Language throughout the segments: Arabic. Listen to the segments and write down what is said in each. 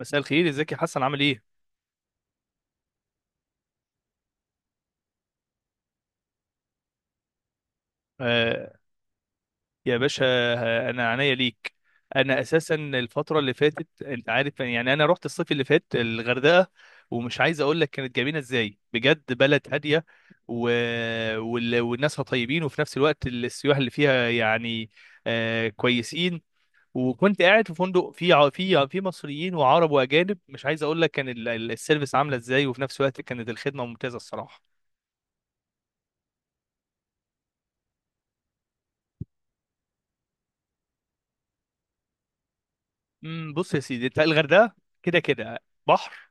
مساء الخير، ازيك يا حسن؟ عامل ايه؟ آه، يا باشا انا عينيا ليك. انا اساسا الفتره اللي فاتت انت عارف، يعني انا رحت الصيف اللي فات الغردقه، ومش عايز اقول لك كانت جميله ازاي، بجد بلد هاديه و... والناسها طيبين، وفي نفس الوقت السياح اللي فيها يعني آه كويسين. وكنت قاعد في فندق فيه ع- فيه فيه مصريين وعرب واجانب، مش عايز اقول لك كان السيرفيس عامله ازاي، وفي نفس الوقت كانت الخدمه ممتازه الصراحه. بص يا سيدي، انت الغردقه كده كده بحر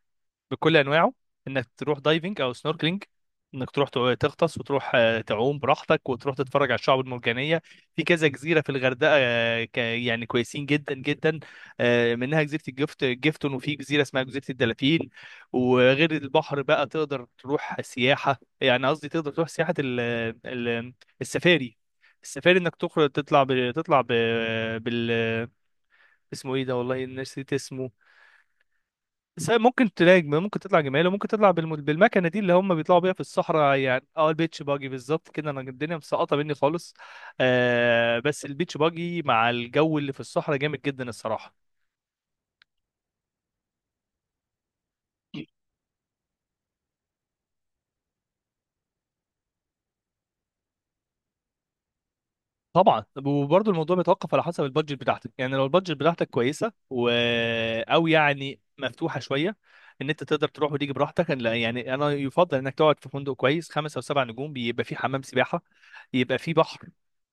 بكل انواعه، انك تروح دايفنج او سنوركلينج، انك تغطس وتروح تعوم براحتك، وتروح تتفرج على الشعب المرجانيه. في كذا جزيره في الغردقه، يعني كويسين جدا جدا. منها جزيره جفتون، وفي جزيره اسمها جزيره الدلافين. وغير البحر بقى تقدر تروح سياحه، يعني قصدي تقدر تروح سياحه ال ال السفاري. السفاري انك تخرج تطلع ب... تطلع ب... بال اسمه ايه ده؟ والله نسيت اسمه. بس هي ممكن ممكن تطلع جمال، وممكن بالمكنه دي اللي هم بيطلعوا بيها في الصحراء يعني، اه البيتش باجي بالظبط كده. انا الدنيا مسقطه مني خالص. آه، بس البيتش باجي مع الجو اللي في الصحراء جامد جدا الصراحه. طبعا، وبرضه الموضوع بيتوقف على حسب البادجت بتاعتك، يعني لو البادجت بتاعتك كويسه او يعني مفتوحه شويه، ان انت تقدر تروح وتيجي براحتك، لا يعني انا يفضل انك تقعد في فندق كويس خمسة او سبع نجوم، بيبقى فيه حمام سباحه، يبقى فيه بحر،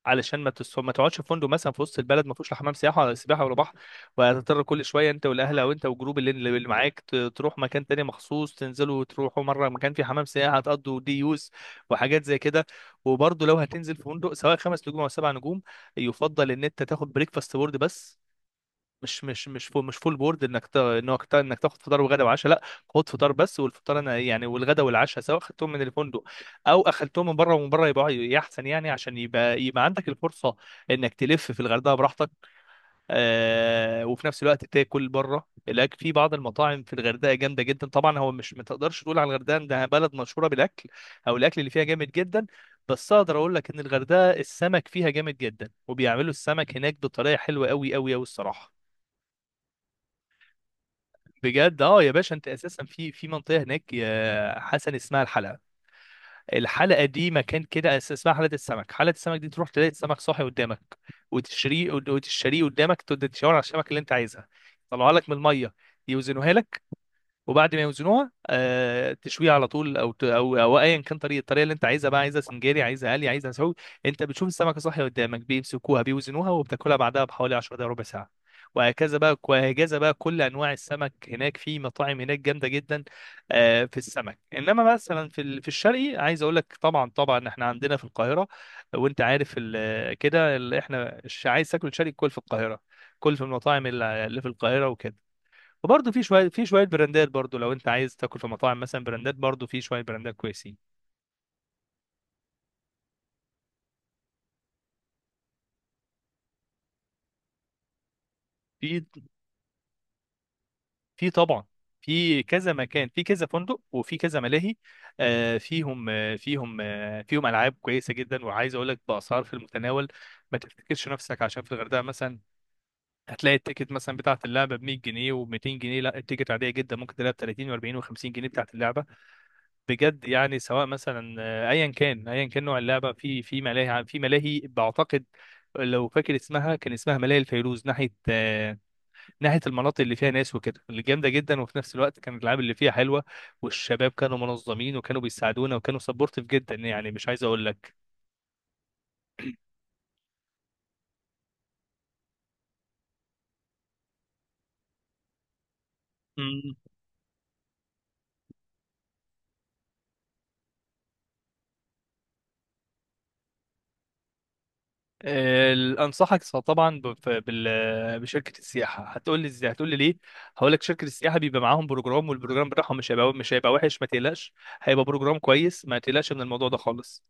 علشان ما تقعدش في فندق مثلا في وسط البلد ما فيهوش لا حمام سياحه ولا سباحه ولا بحر، وهتضطر كل شويه انت والاهل او انت والجروب اللي معاك تروح مكان تاني مخصوص، تنزلوا وتروحوا مره مكان فيه حمام سياحه، هتقضوا دي يوز وحاجات زي كده. وبرضه لو هتنزل في فندق سواء خمس نجوم او سبع نجوم، يفضل ان انت تاخد بريكفاست بورد بس، مش فول بورد، انك تاخد فطار وغدا وعشاء، لا. خد فطار بس، والفطار انا يعني، والغدا والعشاء سواء اخدتهم من الفندق او اخدتهم من بره، ومن بره يبقى احسن يعني، عشان يبقى عندك الفرصه انك تلف في الغردقه براحتك. وفي نفس الوقت تاكل بره، الاكل في بعض المطاعم في الغردقه جامده جدا. طبعا هو مش ما تقدرش تقول على الغردقه انها بلد مشهوره بالاكل او الاكل اللي فيها جامد جدا، بس اقدر اقول لك ان الغردقه السمك فيها جامد جدا، وبيعملوا السمك هناك بطريقه حلوه قوي قوي قوي الصراحه. بجد اه، يا باشا انت اساسا في منطقه هناك يا حسن اسمها الحلب، الحلقه دي مكان كده اسمها حلقه السمك. حلقه السمك دي تروح تلاقي السمك صاحي قدامك وتشتريه، وتشتريه قدامك تقعد تشاور على السمك اللي انت عايزها، يطلعها لك من الميه، يوزنوها لك. وبعد ما يوزنوها تشويها على طول، او ت- او او ايا كان الطريقه اللي انت عايزها بقى، عايزها سنجاري، عايزها قلي، عايزها مسعود. انت بتشوف السمكه صاحيه قدامك، بيمسكوها بيوزنوها، وبتاكلها بعدها بحوالي 10 دقائق ربع ساعه. وهكذا بقى كل انواع السمك هناك، في مطاعم هناك جامده جدا. آه، في السمك انما مثلا في في الشرقي، عايز اقول لك، طبعا احنا عندنا في القاهره، وانت عارف احنا عايز تاكل شرقي كل في القاهره، كل في المطاعم اللي في القاهره وكده. وبرضه في شويه براندات، برضه لو انت عايز تاكل في مطاعم مثلا براندات، برضه في شويه براندات كويسين. في، في طبعا. في كذا مكان، في كذا فندق، وفي كذا ملاهي. فيهم العاب كويسه جدا، وعايز اقول لك باسعار في المتناول، ما تفتكرش نفسك عشان في الغردقه مثلا هتلاقي التيكت مثلا بتاعه اللعبه ب 100 جنيه و200 جنيه، لا التيكت عاديه جدا، ممكن تلاقيها ب 30 و40 و50 جنيه بتاعه اللعبه. بجد يعني، سواء مثلا ايا كان نوع اللعبه في في ملاهي بعتقد، لو فاكر اسمها، كان اسمها ملاهي الفيروز، ناحيه ناحيه المناطق اللي فيها ناس وكده، اللي جامده جدا. وفي نفس الوقت كانت الالعاب اللي فيها حلوه، والشباب كانوا منظمين، وكانوا بيساعدونا، وكانوا سبورتيف جدا، يعني مش عايز اقول لك. انصحك طبعا بشركه السياحه. هتقول لي ازاي؟ هتقول لي ليه؟ هقول لك، شركه السياحه بيبقى معاهم بروجرام، والبروجرام بتاعهم مش هيبقى وحش ما تقلقش، هيبقى بروجرام كويس، ما تقلقش من الموضوع ده خالص.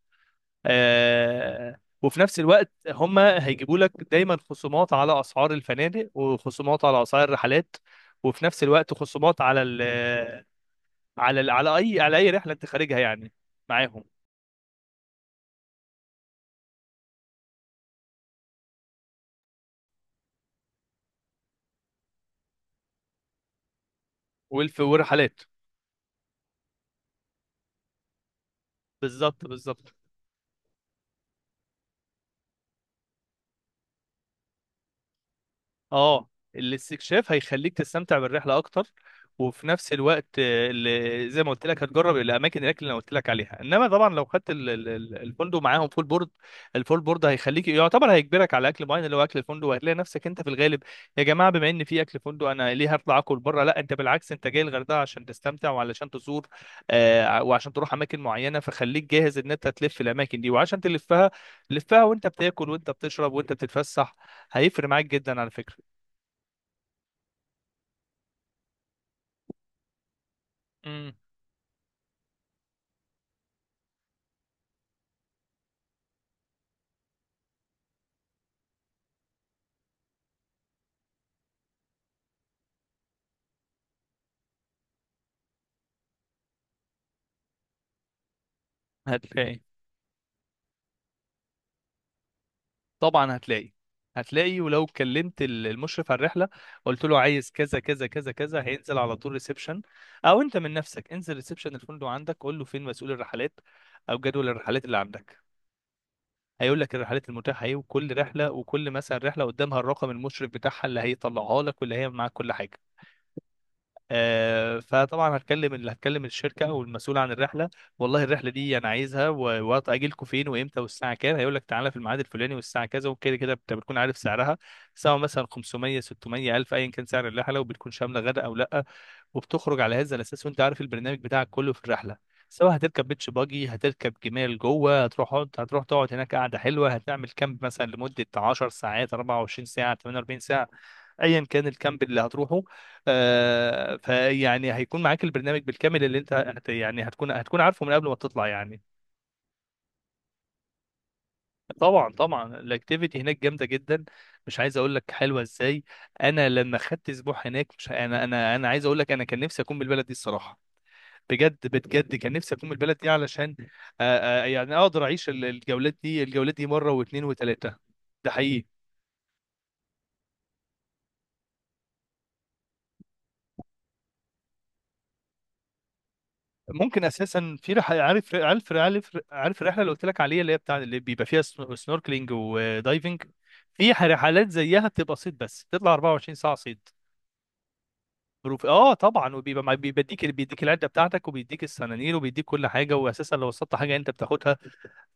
آه، وفي نفس الوقت هم هيجيبوا لك دايما خصومات على اسعار الفنادق، وخصومات على اسعار الرحلات، وفي نفس الوقت خصومات على ال على ال على اي على اي رحله انت خارجها يعني معاهم. والف والرحلات، بالظبط بالظبط. اه، الاستكشاف هيخليك تستمتع بالرحله اكتر، وفي نفس الوقت زي ما قلت لك هتجرب الاماكن، الاكل اللي انا قلت لك عليها. انما طبعا لو خدت الفندق معاهم فول بورد، الفول بورد هيخليك يعتبر هيجبرك على اكل معين، اللي هو اكل الفندق، وهتلاقي نفسك انت في الغالب يا جماعه بما ان في اكل فندق انا ليه هطلع اكل بره، لا انت بالعكس، انت جاي الغردقه عشان تستمتع وعلشان تزور. وعشان تروح اماكن معينه، فخليك جاهز ان انت تلف الاماكن دي. وعشان تلفها، لفها وانت بتاكل، وانت بتشرب، وانت بتتفسح، هيفرق معاك جدا على فكره. مم. هتلاقي طبعا، هتلاقي. ولو كلمت المشرف على الرحله، قلت له عايز كذا كذا كذا كذا، هينزل على طول ريسبشن. او انت من نفسك انزل ريسبشن الفندق عندك، قول له فين مسؤول الرحلات، او جدول الرحلات اللي عندك، هيقول لك الرحلات المتاحه ايه، وكل رحله، وكل مثلا رحله قدامها الرقم، المشرف بتاعها اللي هيطلعها لك واللي هي معاك كل حاجه. فطبعا هتكلم الشركه او المسؤول عن الرحله، والله الرحله دي انا عايزها، وقت اجيلكوا فين وامتى والساعه كام، هيقول لك تعالى في الميعاد الفلاني والساعه كذا وكده كده. انت بتكون عارف سعرها، سواء مثلا 500 600 الف، ايا كان سعر الرحله، وبتكون شامله غدا او لا. وبتخرج على هذا الاساس، وانت عارف البرنامج بتاعك كله في الرحله، سواء هتركب بيتش باجي، هتركب جمال، جوه هتروح تقعد هناك قاعده حلوه، هتعمل كامب مثلا لمده 10 ساعات 24 ساعه 48 ساعه، ايا كان الكامب اللي هتروحه. آه، فيعني هيكون معاك البرنامج بالكامل اللي انت هت يعني هتكون عارفه من قبل ما تطلع يعني. طبعا الاكتيفيتي هناك جامده جدا، مش عايز اقول لك حلوه ازاي. انا لما خدت اسبوع هناك، مش انا انا انا عايز اقول لك انا كان نفسي اكون بالبلد دي الصراحه، بجد كان نفسي اكون من البلد دي، علشان يعني اقدر اعيش الجولات دي، الجولات دي مره واثنين وثلاثه، ده حقيقي. ممكن اساسا عارف الرحله اللي قلت لك عليها، اللي هي بتاع اللي بيبقى فيها سنوركلينج ودايفنج، في رحلات زيها بتبقى صيد بس، تطلع 24 ساعه صيد. بروف، اه طبعا، وبيبقى بيديك العده بتاعتك، وبيديك السنانير، وبيديك كل حاجه. واساسا لو وصلت حاجه انت بتاخدها،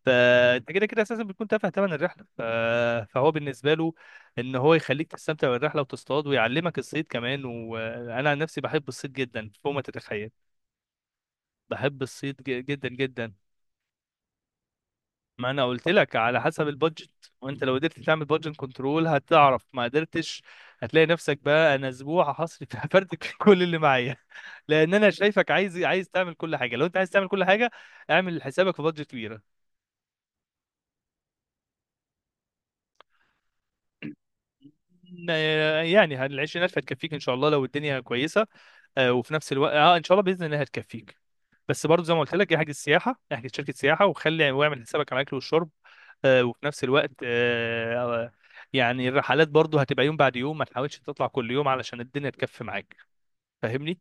فانت كده كده اساسا بتكون تافه ثمن الرحله، فهو بالنسبه له ان هو يخليك تستمتع بالرحله وتصطاد، ويعلمك الصيد كمان. وانا عن نفسي بحب الصيد جدا فوق ما تتخيل، بحب الصيد جدا جدا. ما انا قلت لك على حسب البادجت، وانت لو قدرت تعمل بادجت كنترول هتعرف، ما قدرتش هتلاقي نفسك بقى، انا اسبوع هصرف هفرتك في كل اللي معايا، لان انا شايفك عايز تعمل كل حاجه. لو انت عايز تعمل كل حاجه اعمل حسابك في بادجت كبير. يعني العشرينات هتكفيك ان شاء الله لو الدنيا كويسه. وفي نفس الوقت اه ان شاء الله باذن الله هتكفيك. بس برضه زي ما قلت لك، احجز سياحه، احجز شركه سياحه، واعمل حسابك على الاكل والشرب. آه، وفي نفس الوقت آه، آه، يعني الرحلات برضه هتبقى يوم بعد يوم، ما تحاولش تطلع كل يوم علشان الدنيا تكفي معاك، فاهمني.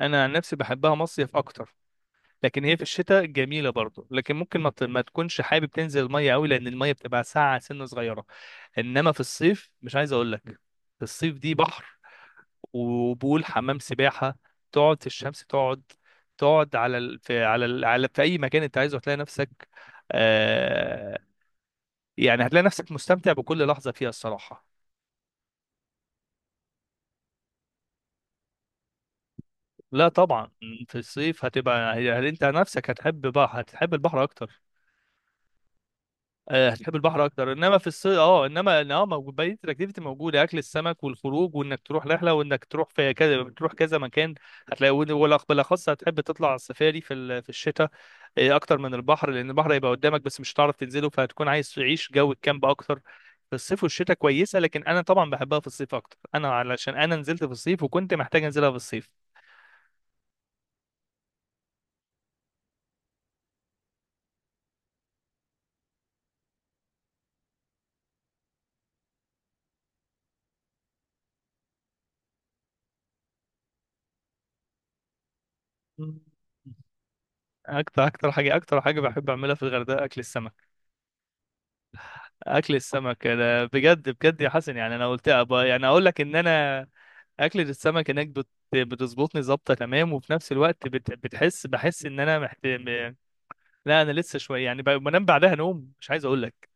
انا عن نفسي بحبها مصيف اكتر، لكن هي في الشتاء جميله برضه، لكن ممكن ما تكونش حابب تنزل الميه قوي، لان الميه بتبقى ساقعه سنه صغيره. انما في الصيف مش عايز اقول لك، في الصيف دي بحر، وبول حمام سباحه، تقعد في الشمس، تقعد، تقعد على ال... في على ال... على في اي مكان انت عايزه هتلاقي نفسك. آه... يعني هتلاقي نفسك مستمتع بكل لحظه فيها الصراحه. لا طبعا، في الصيف هتبقى يعني انت نفسك هتحب بقى، هتحب البحر اكتر. هتحب البحر اكتر، انما في الصيف اه، انما إن اه موجود بقيه الاكتيفيتي موجوده، اكل السمك والخروج، وانك تروح رحله، وانك تروح في كذا، تروح كذا مكان. هتلاقي بالاخص هتحب تطلع على السفاري في في الشتاء، اكتر من البحر، لان البحر هيبقى قدامك بس مش هتعرف تنزله، فهتكون عايز تعيش جو الكامب اكتر. في الصيف والشتاء كويسه، لكن انا طبعا بحبها في الصيف اكتر، انا علشان انا نزلت في الصيف وكنت محتاج انزلها في الصيف. مم. اكتر حاجه بحب اعملها في الغردقه اكل السمك. اكل السمك انا بجد بجد يا حسن، يعني انا قلت أبقى يعني اقول لك ان انا اكلة السمك هناك بتظبطني ظابطه تمام. وفي نفس الوقت بتحس بحس ان انا لا انا لسه شويه يعني بنام بعدها نوم مش عايز اقول لك،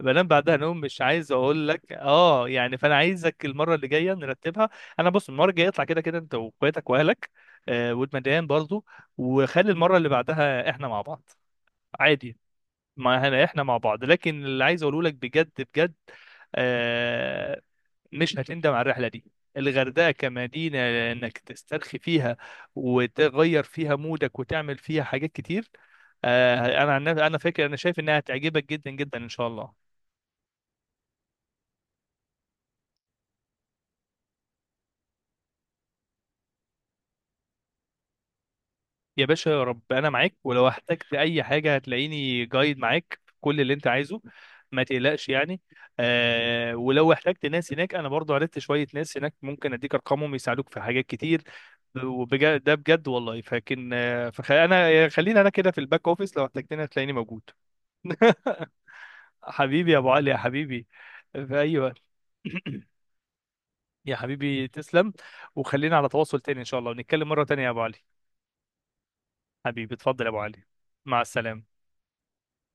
بنام بعدها نوم مش عايز اقول لك اه يعني، فانا عايزك المره اللي جايه نرتبها. انا بص، المره الجايه اطلع كده كده انت واخواتك واهلك، آه والمدام برضو، وخلي المره اللي بعدها احنا مع بعض عادي. ما احنا احنا مع بعض، لكن اللي عايز اقوله لك بجد بجد، آه، مش هتندم على الرحله دي. الغردقه كمدينه، انك تسترخي فيها، وتغير فيها مودك، وتعمل فيها حاجات كتير. آه، انا فاكر، انا شايف انها هتعجبك جدا جدا ان شاء الله. يا باشا يا رب، انا معاك، ولو احتجت اي حاجه هتلاقيني جايد معاك في كل اللي انت عايزه، ما تقلقش يعني. آه، ولو احتجت ناس هناك انا برضو عرفت شويه ناس هناك، ممكن اديك ارقامهم يساعدوك في حاجات كتير. وبجد ده بجد والله. انا خلينا انا كده في الباك اوفيس، لو احتجتني هتلاقيني موجود. حبيبي يا ابو علي، يا حبيبي، في اي وقت. يا حبيبي تسلم، وخلينا على تواصل تاني ان شاء الله، ونتكلم مره تانيه يا ابو علي. حبيبي اتفضل يا ابو علي. مع السلامه.